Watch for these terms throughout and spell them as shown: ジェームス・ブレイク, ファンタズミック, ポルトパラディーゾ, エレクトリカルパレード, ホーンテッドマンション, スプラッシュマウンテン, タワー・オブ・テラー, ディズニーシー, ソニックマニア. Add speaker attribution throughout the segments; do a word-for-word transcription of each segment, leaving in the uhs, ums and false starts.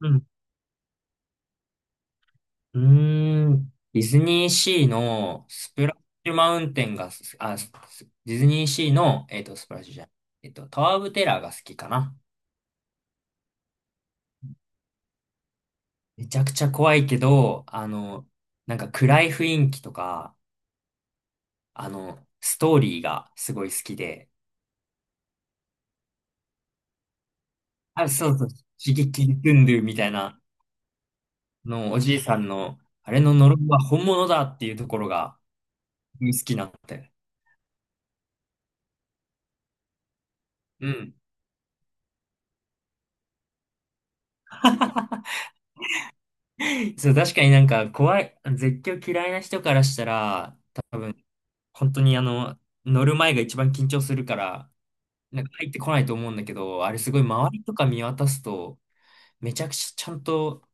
Speaker 1: うん。うーん。ディズニーシーのスプラッシュマウンテンがす、あ、すディズニーシーの、えっと、スプラッシュじゃない、えっと、タワー・オブ・テラーが好きかな。めちゃくちゃ怖いけど、あの、なんか暗い雰囲気とか、あの、ストーリーがすごい好きで、あ、そうそう、刺激キドゥンドゥみたいなの、おじいさんの、あれの呪いは本物だっていうところが好きなんだよ。うん。そう、確かになんか怖い、絶叫嫌いな人からしたら、多分、本当にあの、乗る前が一番緊張するから、なんか入ってこないと思うんだけど、あれすごい周りとか見渡すと、めちゃくちゃちゃんと、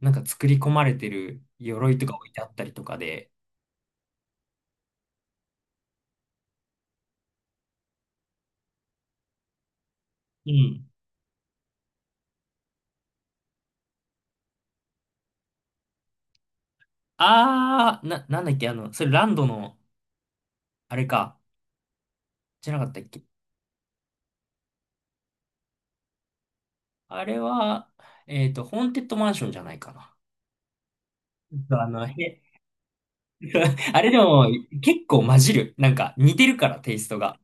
Speaker 1: なんか作り込まれてる鎧とか置いてあったりとかで、うん。あー、な、なんだっけ、あの、それランドの、あれか、じゃなかったっけ。あれは、えっと、ホーンテッドマンションじゃないかな。そう、あの、へあれでも結構混じる。なんか似てるからテイストが。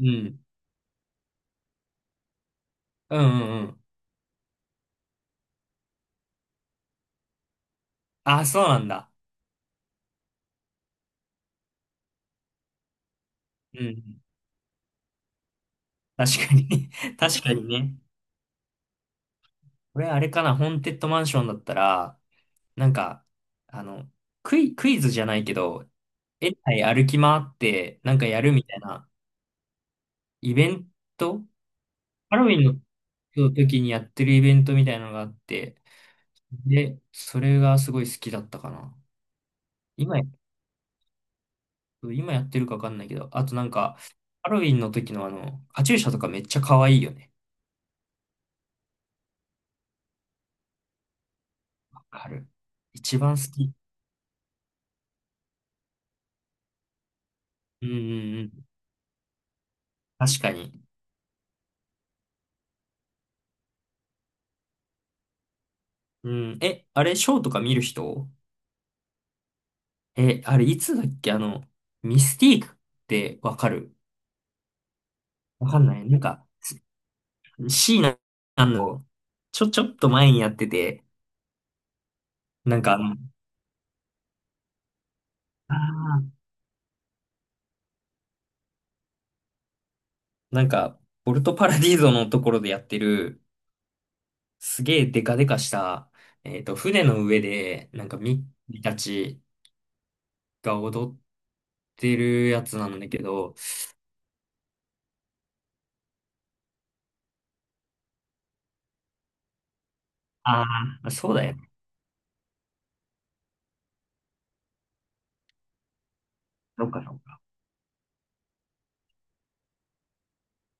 Speaker 1: うん。うんうんうん。あ、そうなんだ。うん、確かに 確かにね。これあれかな、ホーンテッドマンションだったら、なんか、あの、クイ、クイズじゃないけど、園内歩き回ってなんかやるみたいなイベントハロウィンの時にやってるイベントみたいなのがあって、で、それがすごい好きだったかな。今や、今やってるかわかんないけど、あとなんか、ハロウィンの時のあの、カチューシャとかめっちゃ可愛いよね。わかる。一番好き。うんうんうん。確かに。うん。え、あれ、ショーとか見る人？え、あれ、いつだっけあの、ミスティークってわかる？わかんない。なんか、シーナあの、ちょ、ちょっと前にやってて、なんかあの、あーなんか、ポルトパラディーゾのところでやってる、すげえデカデカした、えっと、船の上で、なんかミッキーたちが踊ってるやつなんだけど、ああ、そうだよね。そっか、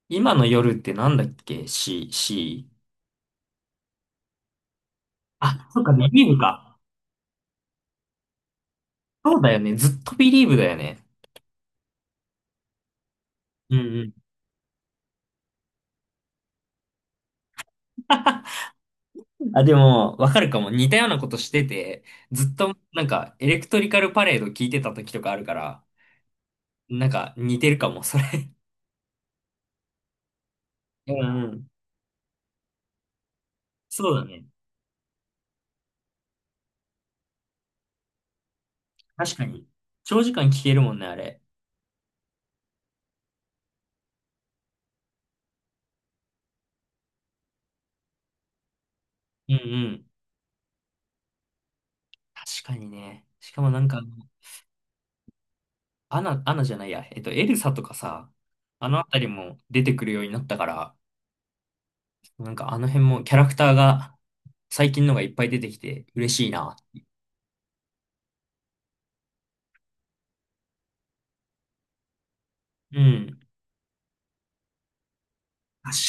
Speaker 1: 今の夜ってなんだっけ？ C、シー。あ、そっか、ビリーブか。そうだよね。ずっとビリーブだよね。うんうん。あ、でも、わかるかも。似たようなことしてて、ずっと、なんか、エレクトリカルパレード聞いてた時とかあるから、なんか、似てるかも、それ。うんうん。そうだね。確かに。長時間聞けるもんね、あれ。うんうん。確かにね。しかもなんか、アナ、アナじゃないや。えっと、エルサとかさ、あのあたりも出てくるようになったから、なんかあの辺もキャラクターが最近のがいっぱい出てきて嬉しいな。うん。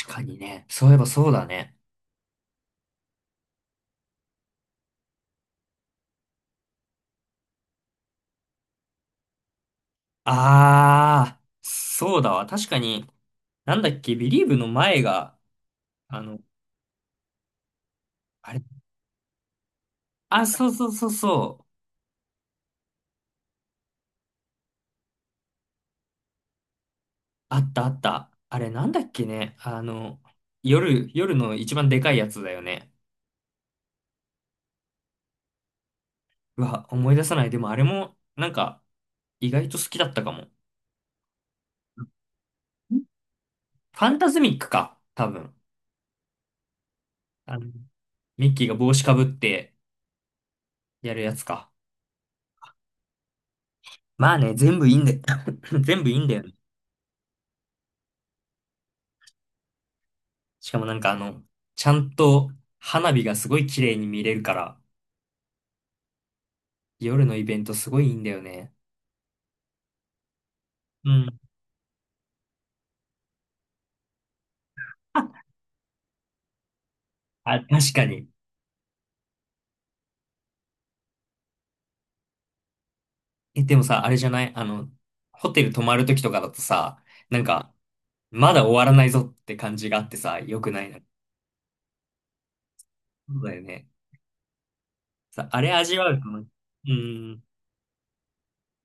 Speaker 1: 確かにね。そういえばそうだね。あー、そうだわ。確かに、なんだっけ、ビリーブの前が、あの、あれ、あ、そうそうそうそう。あったあった。あれなんだっけね。あの、夜、夜の一番でかいやつだよね。うわ、思い出さない。でもあれも、なんか、意外と好きだったかも。んファンタズミックか、多分。あの、ミッキーが帽子かぶって、やるやつか。まあね、全部いいんだよ。全部いいんだよね。しかもなんかあの、ちゃんと花火がすごい綺麗に見れるから、夜のイベントすごいいいんだよね。うん。あ、確かに。え、でもさ、あれじゃない？あの、ホテル泊まるときとかだとさ、なんか、まだ終わらないぞって感じがあってさ、良くないな。そうだよね。さ、あれ味わうかも。うん。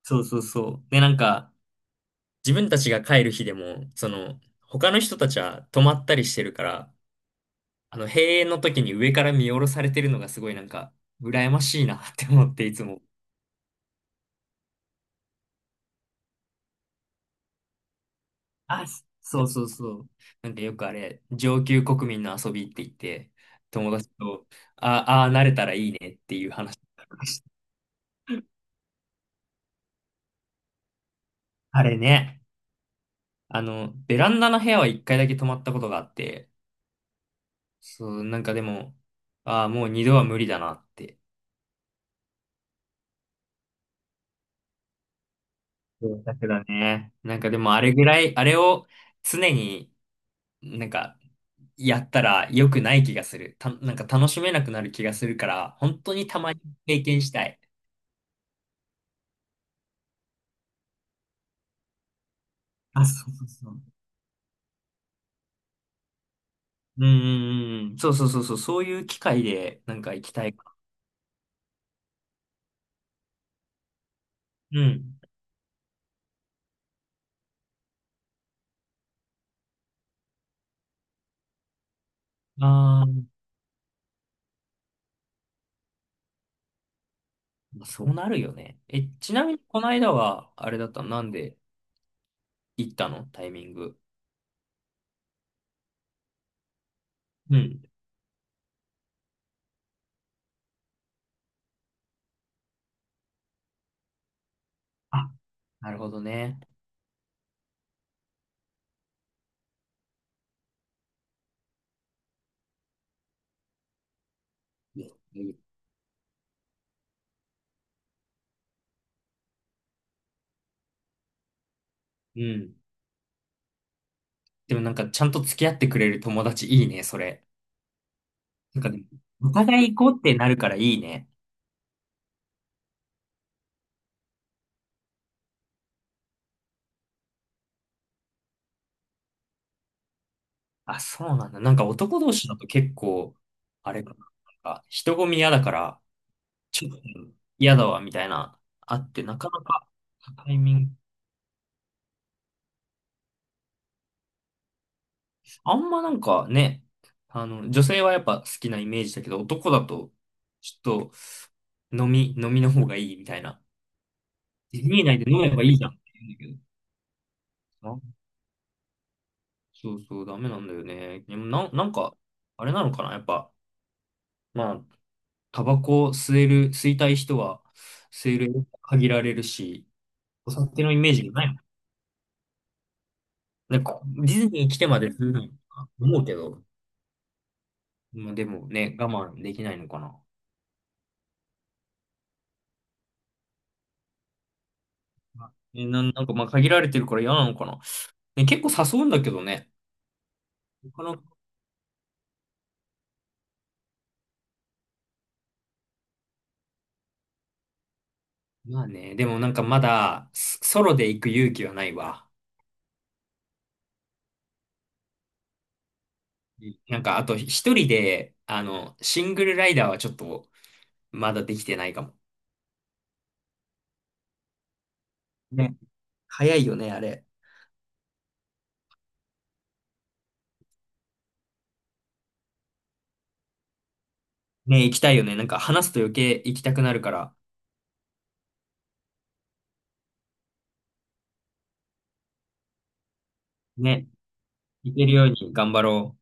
Speaker 1: そうそうそう。で、なんか、自分たちが帰る日でも、その、他の人たちは泊まったりしてるから、あの、閉園の時に上から見下ろされてるのがすごいなんか、羨ましいなって思って、いつも。あ、そうそうそう。なんかよくあれ、上級国民の遊びって言って、友達と、あああー、慣れたらいいねっていう話。あれね、あの、ベランダの部屋は一回だけ泊まったことがあって、そう、なんかでも、ああ、もう二度は無理だなって。そうだけどね。なんかでもあれぐらい、あれを常になんかやったら良くない気がする。た、なんか楽しめなくなる気がするから、本当にたまに経験したい。あ、そうそうそう。うんうんうん、そうそうそうそう、そういう機会でなんか行きたいかな。うん。ああ、まあ、そうなるよね。え、ちなみにこの間は、あれだった？なんで行ったのタイミング？うん。あ、なるほどね。いや、いい。うん。でもなんかちゃんと付き合ってくれる友達いいね、それ。なんかね、お互い行こうってなるからいいね。あ、そうなんだ。なんか男同士だと結構、あれかな。なんか人混み嫌だから、ちょっと嫌だわ、みたいな、あって、なかなか、タイミング、あんまなんかね、あの、女性はやっぱ好きなイメージだけど、男だと、ちょっと飲み、飲みの方がいいみたいな。ディズニー内で飲めばいいじゃんって言うんだけど、あ、そうそう、ダメなんだよね。でもな、なんか、あれなのかな、やっぱ、まあ、タバコ吸える、吸いたい人は、吸える、限られるし、お酒のイメージがないもん。なんか、ディズニー来てまでするのか思うけど、まあ、でもね、我慢できないのかな。え、なん、なんかまあ限られてるから嫌なのかな。ね、結構誘うんだけどね。他の、まあね、でもなんかまだ、スソロで行く勇気はないわ。うん、なんか、あと一人で、あの、シングルライダーはちょっと、まだできてないかも。ね、早いよね、あれ。ね、行きたいよね。なんか話すと余計行きたくなるから、ね、行けるように頑張ろう。